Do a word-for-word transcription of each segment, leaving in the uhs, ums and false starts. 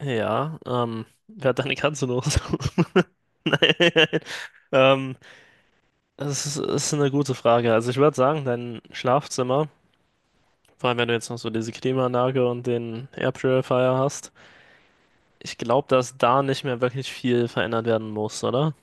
Ja, ähm, wer hat deine Katze noch? Nein. Ähm, Das ist, ist eine gute Frage. Also ich würde sagen, dein Schlafzimmer, vor allem wenn du jetzt noch so diese Klimaanlage und den Air Purifier hast, ich glaube, dass da nicht mehr wirklich viel verändert werden muss, oder?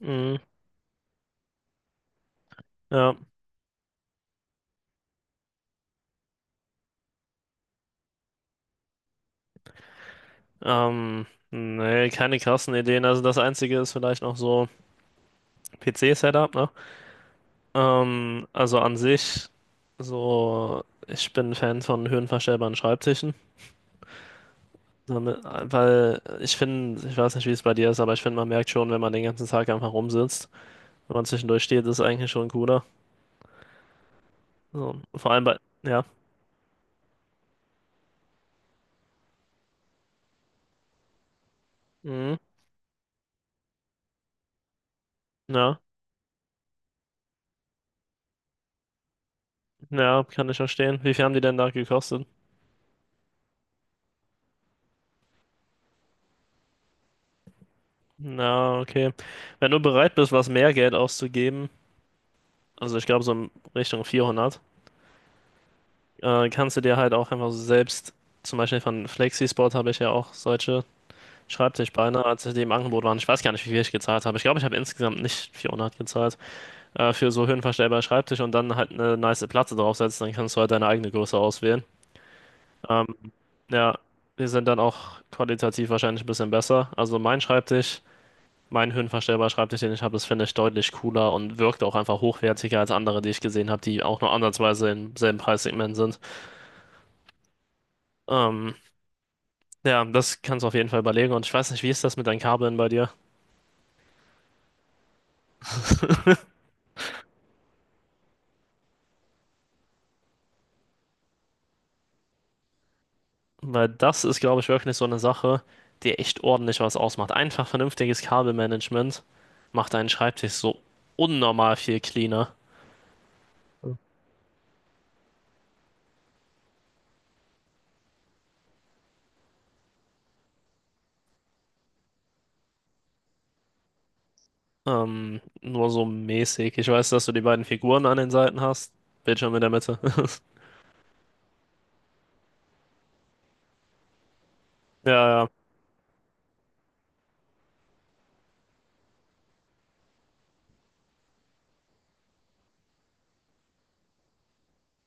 Mhm. Ja. Ähm, nee, keine krassen Ideen. Also das Einzige ist vielleicht noch so P C-Setup, ne? Ähm, also an sich, so, ich bin Fan von höhenverstellbaren Schreibtischen. Sondern, äh, weil ich finde, ich weiß nicht, wie es bei dir ist, aber ich finde, man merkt schon, wenn man den ganzen Tag einfach rumsitzt, wenn man zwischendurch steht, ist es eigentlich schon cooler. So, vor allem bei, ja, mhm. Ja, ja, kann ich verstehen. Wie viel haben die denn da gekostet? Na, okay. Wenn du bereit bist, was mehr Geld auszugeben, also ich glaube so in Richtung vierhundert, äh, kannst du dir halt auch einfach so selbst, zum Beispiel von Flexisport habe ich ja auch solche Schreibtischbeine, als die im Angebot waren. Ich weiß gar nicht, wie viel ich gezahlt habe. Ich glaube, ich habe insgesamt nicht vierhundert gezahlt. Äh, für so höhenverstellbaren Schreibtisch und dann halt eine nice Platte draufsetzen, dann kannst du halt deine eigene Größe auswählen. Ähm, ja, die sind dann auch qualitativ wahrscheinlich ein bisschen besser. Also mein Schreibtisch, mein höhenverstellbarer Schreibtisch, den ich habe, das finde ich deutlich cooler und wirkt auch einfach hochwertiger als andere, die ich gesehen habe, die auch nur andersweise im selben Preissegment sind. Ähm, ja, das kannst du auf jeden Fall überlegen und ich weiß nicht, wie ist das mit deinen Kabeln bei dir? Weil das ist, glaube ich, wirklich so eine Sache, die echt ordentlich was ausmacht. Einfach vernünftiges Kabelmanagement macht deinen Schreibtisch so unnormal viel cleaner. Ähm, nur so mäßig. Ich weiß, dass du die beiden Figuren an den Seiten hast. Bildschirm in der Mitte. Ja, ja.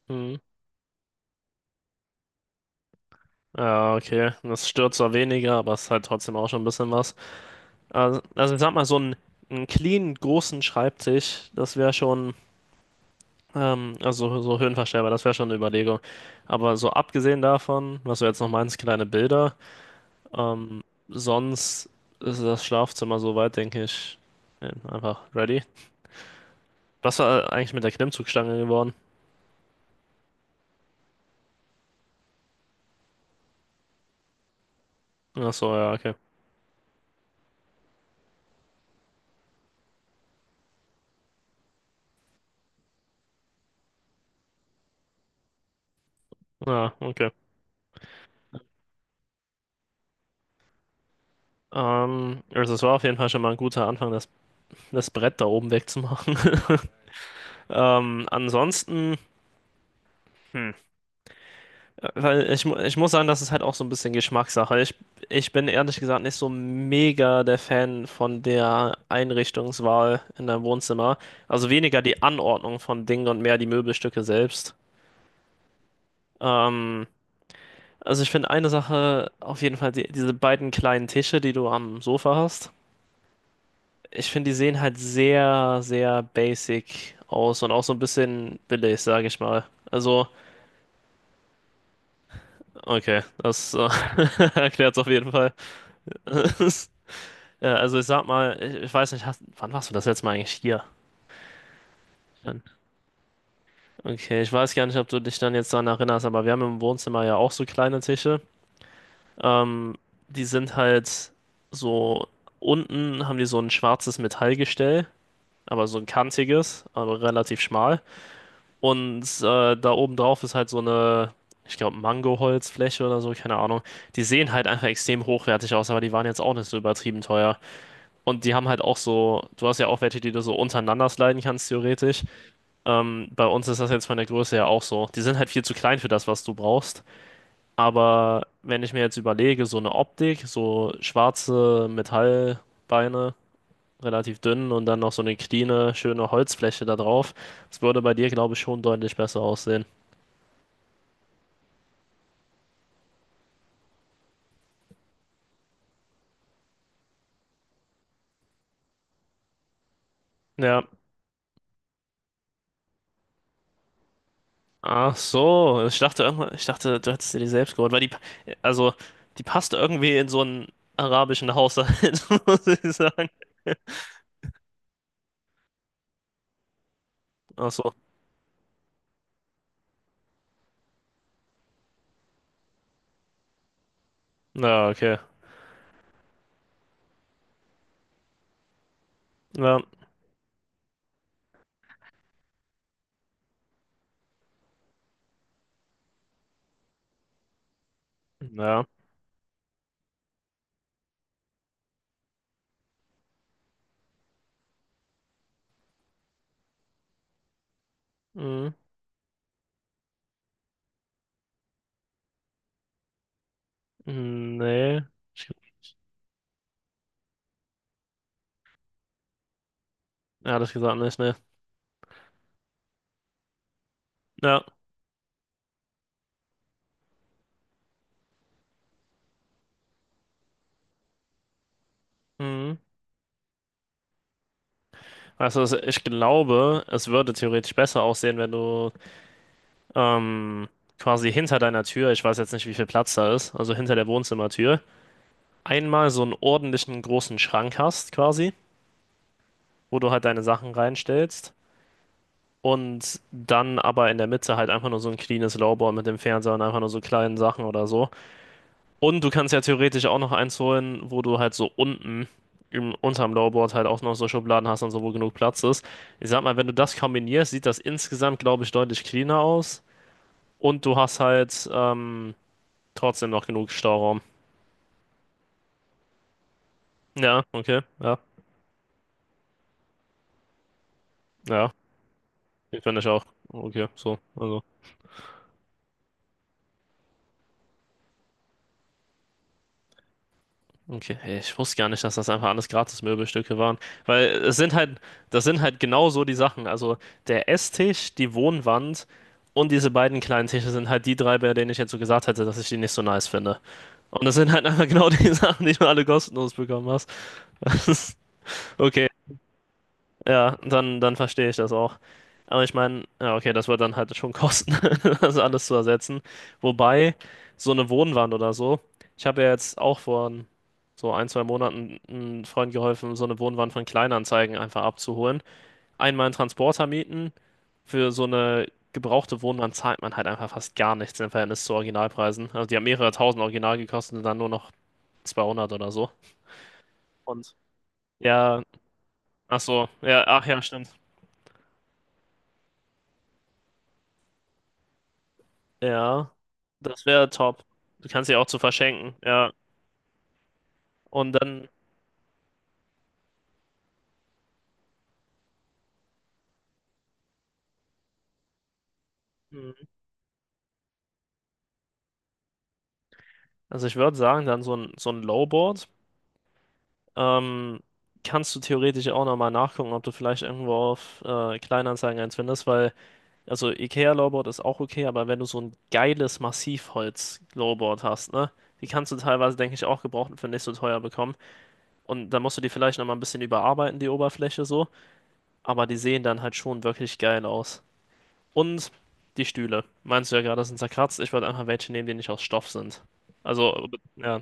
Hm. Ja, okay. Das stört zwar weniger, aber es ist halt trotzdem auch schon ein bisschen was. Also, also ich sag mal, so einen, einen clean, großen Schreibtisch, das wäre schon. Ähm, also so höhenverstellbar, das wäre schon eine Überlegung. Aber so abgesehen davon, was du jetzt noch meinst, kleine Bilder, ähm, sonst ist das Schlafzimmer soweit, denke ich, äh, einfach ready. Was war eigentlich mit der Klimmzugstange geworden? Ach so, ja, okay. Ja, okay. Ähm, also es war auf jeden Fall schon mal ein guter Anfang, das, das Brett da oben wegzumachen. Ähm, ansonsten. Hm. Weil ich, mu- ich muss sagen, das ist halt auch so ein bisschen Geschmackssache. Ich, ich bin ehrlich gesagt nicht so mega der Fan von der Einrichtungswahl in deinem Wohnzimmer. Also weniger die Anordnung von Dingen und mehr die Möbelstücke selbst. Ähm, also ich finde eine Sache auf jeden Fall, die, diese beiden kleinen Tische, die du am Sofa hast. Ich finde, die sehen halt sehr, sehr basic aus und auch so ein bisschen billig, sage ich mal. Also, okay, das äh, erklärt es auf jeden Fall. Ja, also ich sag mal, ich, ich weiß nicht, hast, wann warst du das letzte Mal eigentlich hier? Dann- Okay, ich weiß gar nicht, ob du dich dann jetzt daran erinnerst, aber wir haben im Wohnzimmer ja auch so kleine Tische. Ähm, Die sind halt so, unten haben die so ein schwarzes Metallgestell, aber so ein kantiges, aber relativ schmal. Und äh, da oben drauf ist halt so eine, ich glaube, Mangoholzfläche oder so, keine Ahnung. Die sehen halt einfach extrem hochwertig aus, aber die waren jetzt auch nicht so übertrieben teuer. Und die haben halt auch so, du hast ja auch welche, die du so untereinander sliden kannst, theoretisch. Ähm, bei uns ist das jetzt von der Größe her auch so. Die sind halt viel zu klein für das, was du brauchst. Aber wenn ich mir jetzt überlege, so eine Optik, so schwarze Metallbeine, relativ dünn und dann noch so eine cleane, schöne Holzfläche da drauf, das würde bei dir, glaube ich, schon deutlich besser aussehen. Ja. Ach so, ich dachte irgendwann, ich dachte, du hättest dir die selbst geholt, weil die, also, die passt irgendwie in so ein arabischen Haushalt, muss ich sagen. Ach so. Ja, okay. Ja, ja. Mhm. Nee. Ich, ja, das gesagt nicht, ne. Ja. Mhm. Also es- ich glaube, es würde theoretisch besser aussehen, wenn du ähm, quasi hinter deiner Tür, ich weiß jetzt nicht, wie viel Platz da ist, also hinter der Wohnzimmertür, einmal so einen ordentlichen großen Schrank hast, quasi, wo du halt deine Sachen reinstellst. Und dann aber in der Mitte halt einfach nur so ein cleanes Lowboy mit dem Fernseher und einfach nur so kleinen Sachen oder so. Und du kannst ja theoretisch auch noch eins holen, wo du halt so unten im, unterm Lowerboard halt auch noch so Schubladen hast und so, wo genug Platz ist. Ich sag mal, wenn du das kombinierst, sieht das insgesamt, glaube ich, deutlich cleaner aus. Und du hast halt ähm, trotzdem noch genug Stauraum. Ja, okay, ja, ja. Ich finde ich auch. Okay, so, also. Okay, hey, ich wusste gar nicht, dass das einfach alles Gratis-Möbelstücke waren. Weil es sind halt, das sind halt genau so die Sachen. Also der Esstisch, die Wohnwand und diese beiden kleinen Tische sind halt die drei, bei denen ich jetzt so gesagt hätte, dass ich die nicht so nice finde. Und das sind halt einfach genau die Sachen, die du alle kostenlos bekommen hast. Okay, ja, dann, dann verstehe ich das auch. Aber ich meine, ja, okay, das wird dann halt schon kosten, das alles zu ersetzen. Wobei, so eine Wohnwand oder so, ich habe ja jetzt auch vor so ein, zwei Monaten einem Freund geholfen, so eine Wohnwand von Kleinanzeigen einfach abzuholen. Einmal einen Transporter mieten, für so eine gebrauchte Wohnwand zahlt man halt einfach fast gar nichts im Verhältnis zu Originalpreisen. Also die haben mehrere tausend original gekostet und dann nur noch zweihundert oder so. Und ja, ach so, ja, ach ja, stimmt. Ja, das wäre top. Du kannst sie auch zu verschenken, ja. Und dann, mhm. Also ich würde sagen, dann so ein, so ein Lowboard. Ähm, Kannst du theoretisch auch nochmal nachgucken, ob du vielleicht irgendwo auf äh, Kleinanzeigen eins findest, weil, also IKEA-Lowboard ist auch okay, aber wenn du so ein geiles Massivholz-Lowboard hast, ne? Die kannst du teilweise, denke ich, auch gebraucht für nicht so teuer bekommen. Und dann musst du die vielleicht nochmal ein bisschen überarbeiten, die Oberfläche so. Aber die sehen dann halt schon wirklich geil aus. Und die Stühle. Meinst du ja gerade, sind zerkratzt. Ich würde einfach welche nehmen, die nicht aus Stoff sind. Also, ja.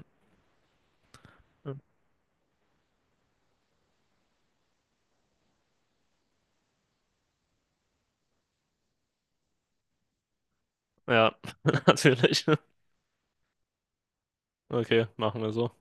Ja, natürlich. Okay, machen wir so.